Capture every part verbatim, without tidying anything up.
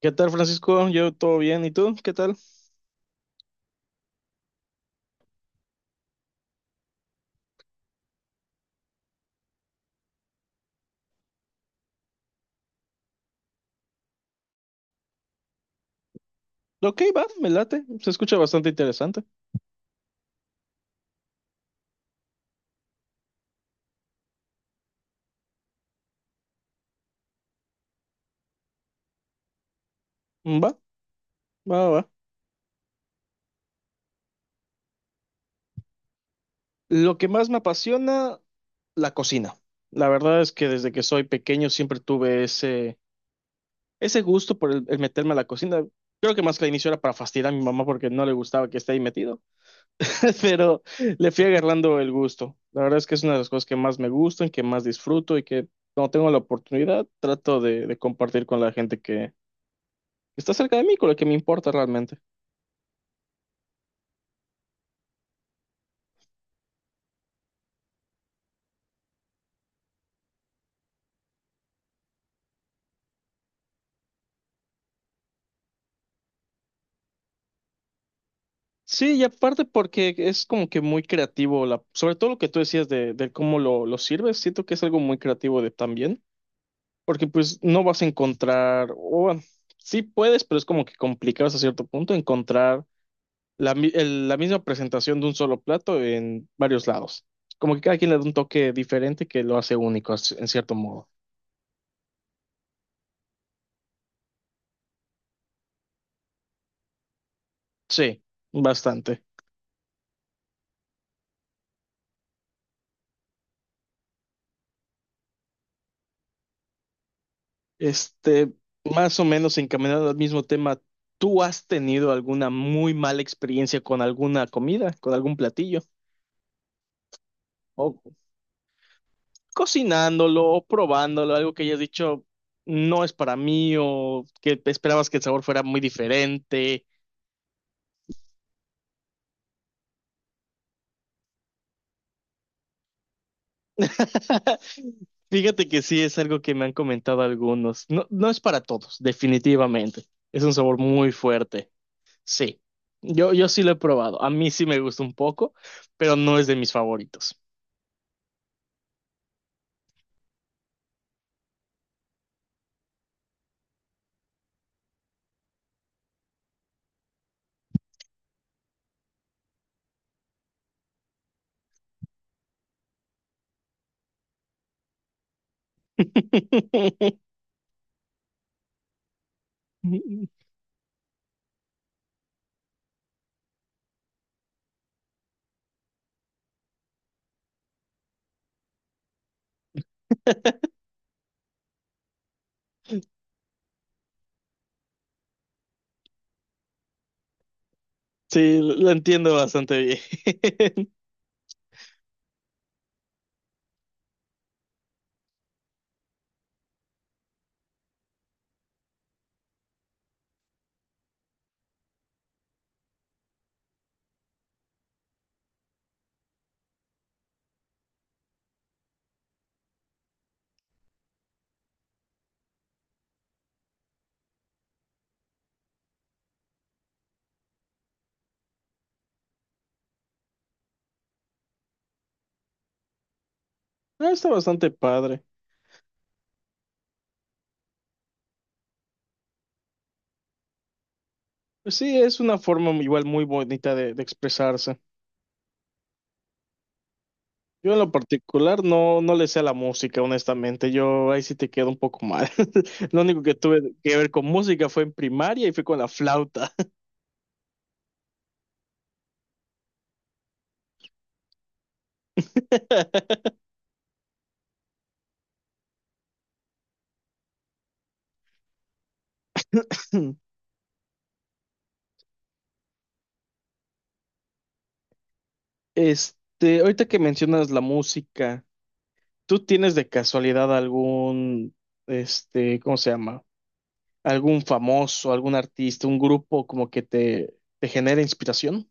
¿Qué tal, Francisco? Yo todo bien, ¿y tú? ¿Qué tal? Ok, va, me late. Se escucha bastante interesante. Mm, Va, va, va. Lo que más me apasiona, la cocina. La verdad es que desde que soy pequeño siempre tuve ese, ese gusto por el, el meterme a la cocina. Creo que más que al inicio era para fastidiar a mi mamá porque no le gustaba que esté ahí metido, pero le fui agarrando el gusto. La verdad es que es una de las cosas que más me gustan, que más disfruto y que cuando tengo la oportunidad trato de, de compartir con la gente que está cerca de mí, con la que me importa realmente. Sí, y aparte porque es como que muy creativo, la, sobre todo lo que tú decías de, de cómo lo, lo sirves, siento que es algo muy creativo de también, porque pues no vas a encontrar, o bueno, sí puedes, pero es como que complicado hasta cierto punto encontrar la, mi- el- la misma presentación de un solo plato en varios lados. Como que cada quien le da un toque diferente que lo hace único as- en cierto modo. Sí, bastante. Este, más o menos encaminado al mismo tema, ¿tú has tenido alguna muy mala experiencia con alguna comida, con algún platillo? O cocinándolo, o probándolo, algo que hayas dicho no es para mí, o que esperabas que el sabor fuera muy diferente. Fíjate que sí es algo que me han comentado algunos. No, no es para todos, definitivamente. Es un sabor muy fuerte. Sí, yo, yo sí lo he probado. A mí sí me gusta un poco, pero no es de mis favoritos. Sí, lo entiendo bastante bien. No, está bastante padre. Pues sí, es una forma igual muy bonita de, de expresarse. Yo en lo particular no, no le sé a la música, honestamente. Yo ahí sí te quedo un poco mal. Lo único que tuve que ver con música fue en primaria y fue con la flauta. Este, ahorita que mencionas la música, ¿tú tienes de casualidad algún, este, ¿cómo se llama? Algún famoso, algún artista, un grupo como que te, te genera inspiración?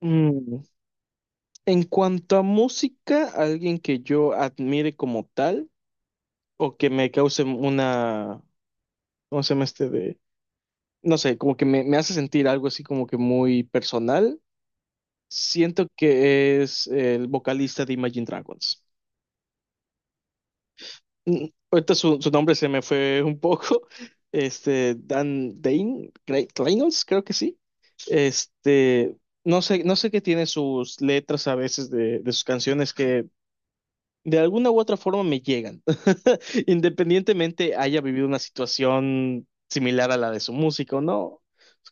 Mm, En cuanto a música, alguien que yo admire como tal o que me cause una, ¿cómo se llama este de? No sé, como que me, me hace sentir algo así como que muy personal. Siento que es el vocalista de Imagine Dragons. Mm, Ahorita su, su nombre se me fue un poco. Este, Dan Dane, Cre- Reynolds, creo que sí. Este, no sé, no sé qué tiene sus letras a veces de, de sus canciones que de alguna u otra forma me llegan. Independientemente haya vivido una situación similar a la de su músico, ¿no?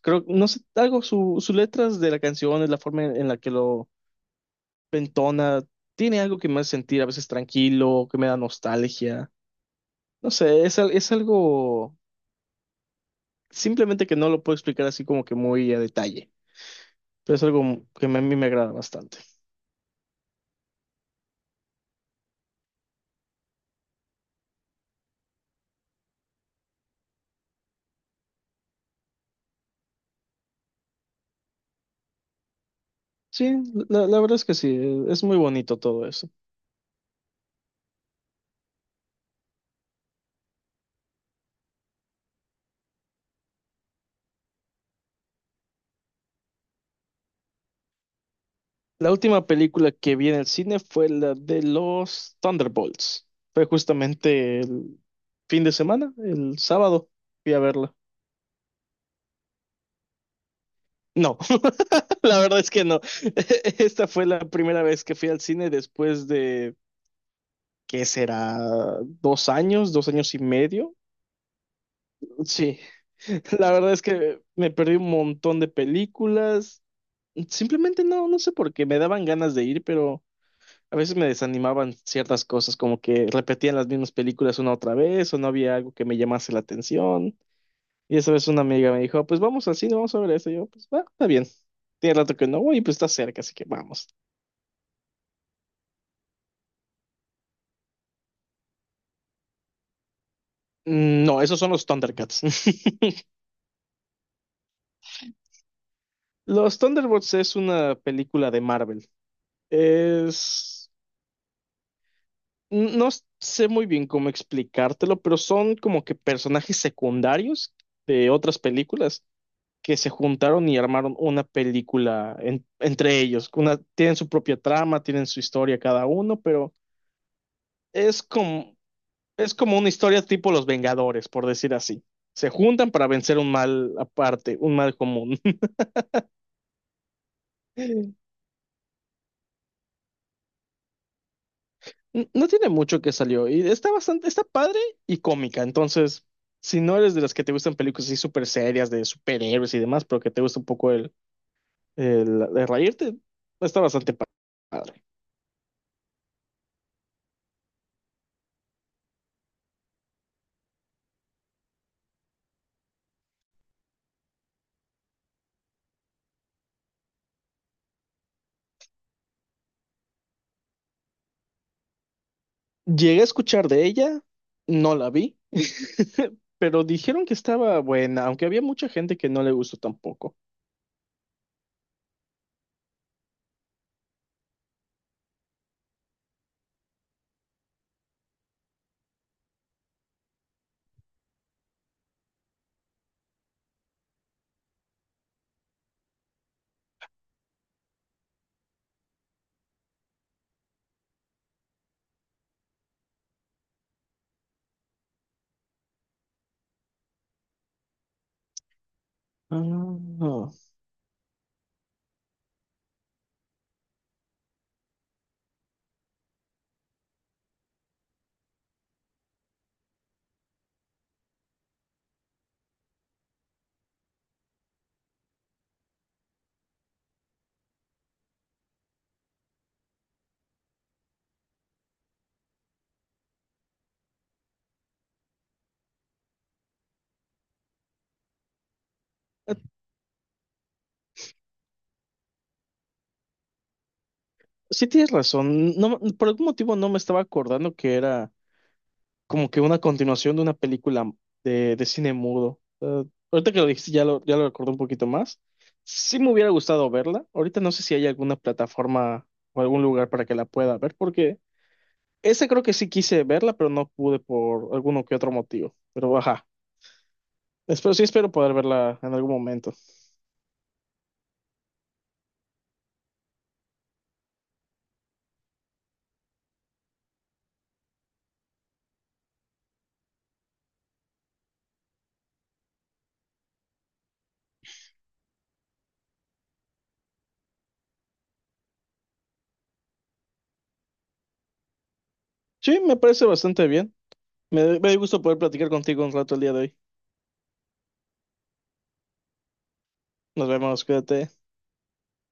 Creo, no sé, algo, su, sus letras de la canción, es la forma en, en la que lo entona, tiene algo que me hace sentir a veces tranquilo, que me da nostalgia. No sé, es, al- es algo simplemente que no lo puedo explicar así como que muy a detalle, pero es algo que me- a mí me agrada bastante. Sí, la, la verdad es que sí, eh, es muy bonito todo eso. La última película que vi en el cine fue la de los Thunderbolts. Fue justamente el fin de semana, el sábado, fui a verla. No, la verdad es que no. Esta fue la primera vez que fui al cine después de, ¿qué será? Dos años, dos años y medio. Sí, la verdad es que me perdí un montón de películas. Simplemente no, no sé por qué, me daban ganas de ir, pero a veces me desanimaban ciertas cosas, como que repetían las mismas películas una otra vez o no había algo que me llamase la atención. Y esa vez una amiga me dijo, "Ah, pues vamos al cine, vamos a ver eso". Y yo, pues va, está bien. Tiene rato que no voy, pues está cerca, así que vamos. Mm, No, esos son los Thundercats. Los Thunderbolts es una película de Marvel. Es No s- sé muy bien cómo explicártelo, pero son como que personajes secundarios de otras películas que se juntaron y armaron una película en- entre ellos. Una, tienen su propia trama, tienen su historia cada uno, pero es como, es como una historia tipo Los Vengadores, por decir así. Se juntan para vencer un mal aparte, un mal común. N- no tiene mucho que salió y está bastante, está padre y cómica. Entonces, si no eres de las que te gustan películas así súper serias de superhéroes y demás, pero que te gusta un poco el, el, el reírte, está bastante pa- padre. Llegué a escuchar de ella, no la vi, pero dijeron que estaba buena, aunque había mucha gente que no le gustó tampoco. Ah, sí tienes razón. No, por algún motivo no me estaba acordando que era como que una continuación de una película de, de cine mudo. Eh, ahorita que lo dijiste, ya lo, ya lo recordé un poquito más. Sí me hubiera gustado verla. Ahorita no sé si hay alguna plataforma o algún lugar para que la pueda ver, porque esa creo que sí quise verla, pero no pude por alguno que otro motivo. Pero ajá, espero, sí espero poder verla en algún momento. Sí, me parece bastante bien. Me, me dio gusto poder platicar contigo un rato el día de hoy. Nos vemos, cuídate.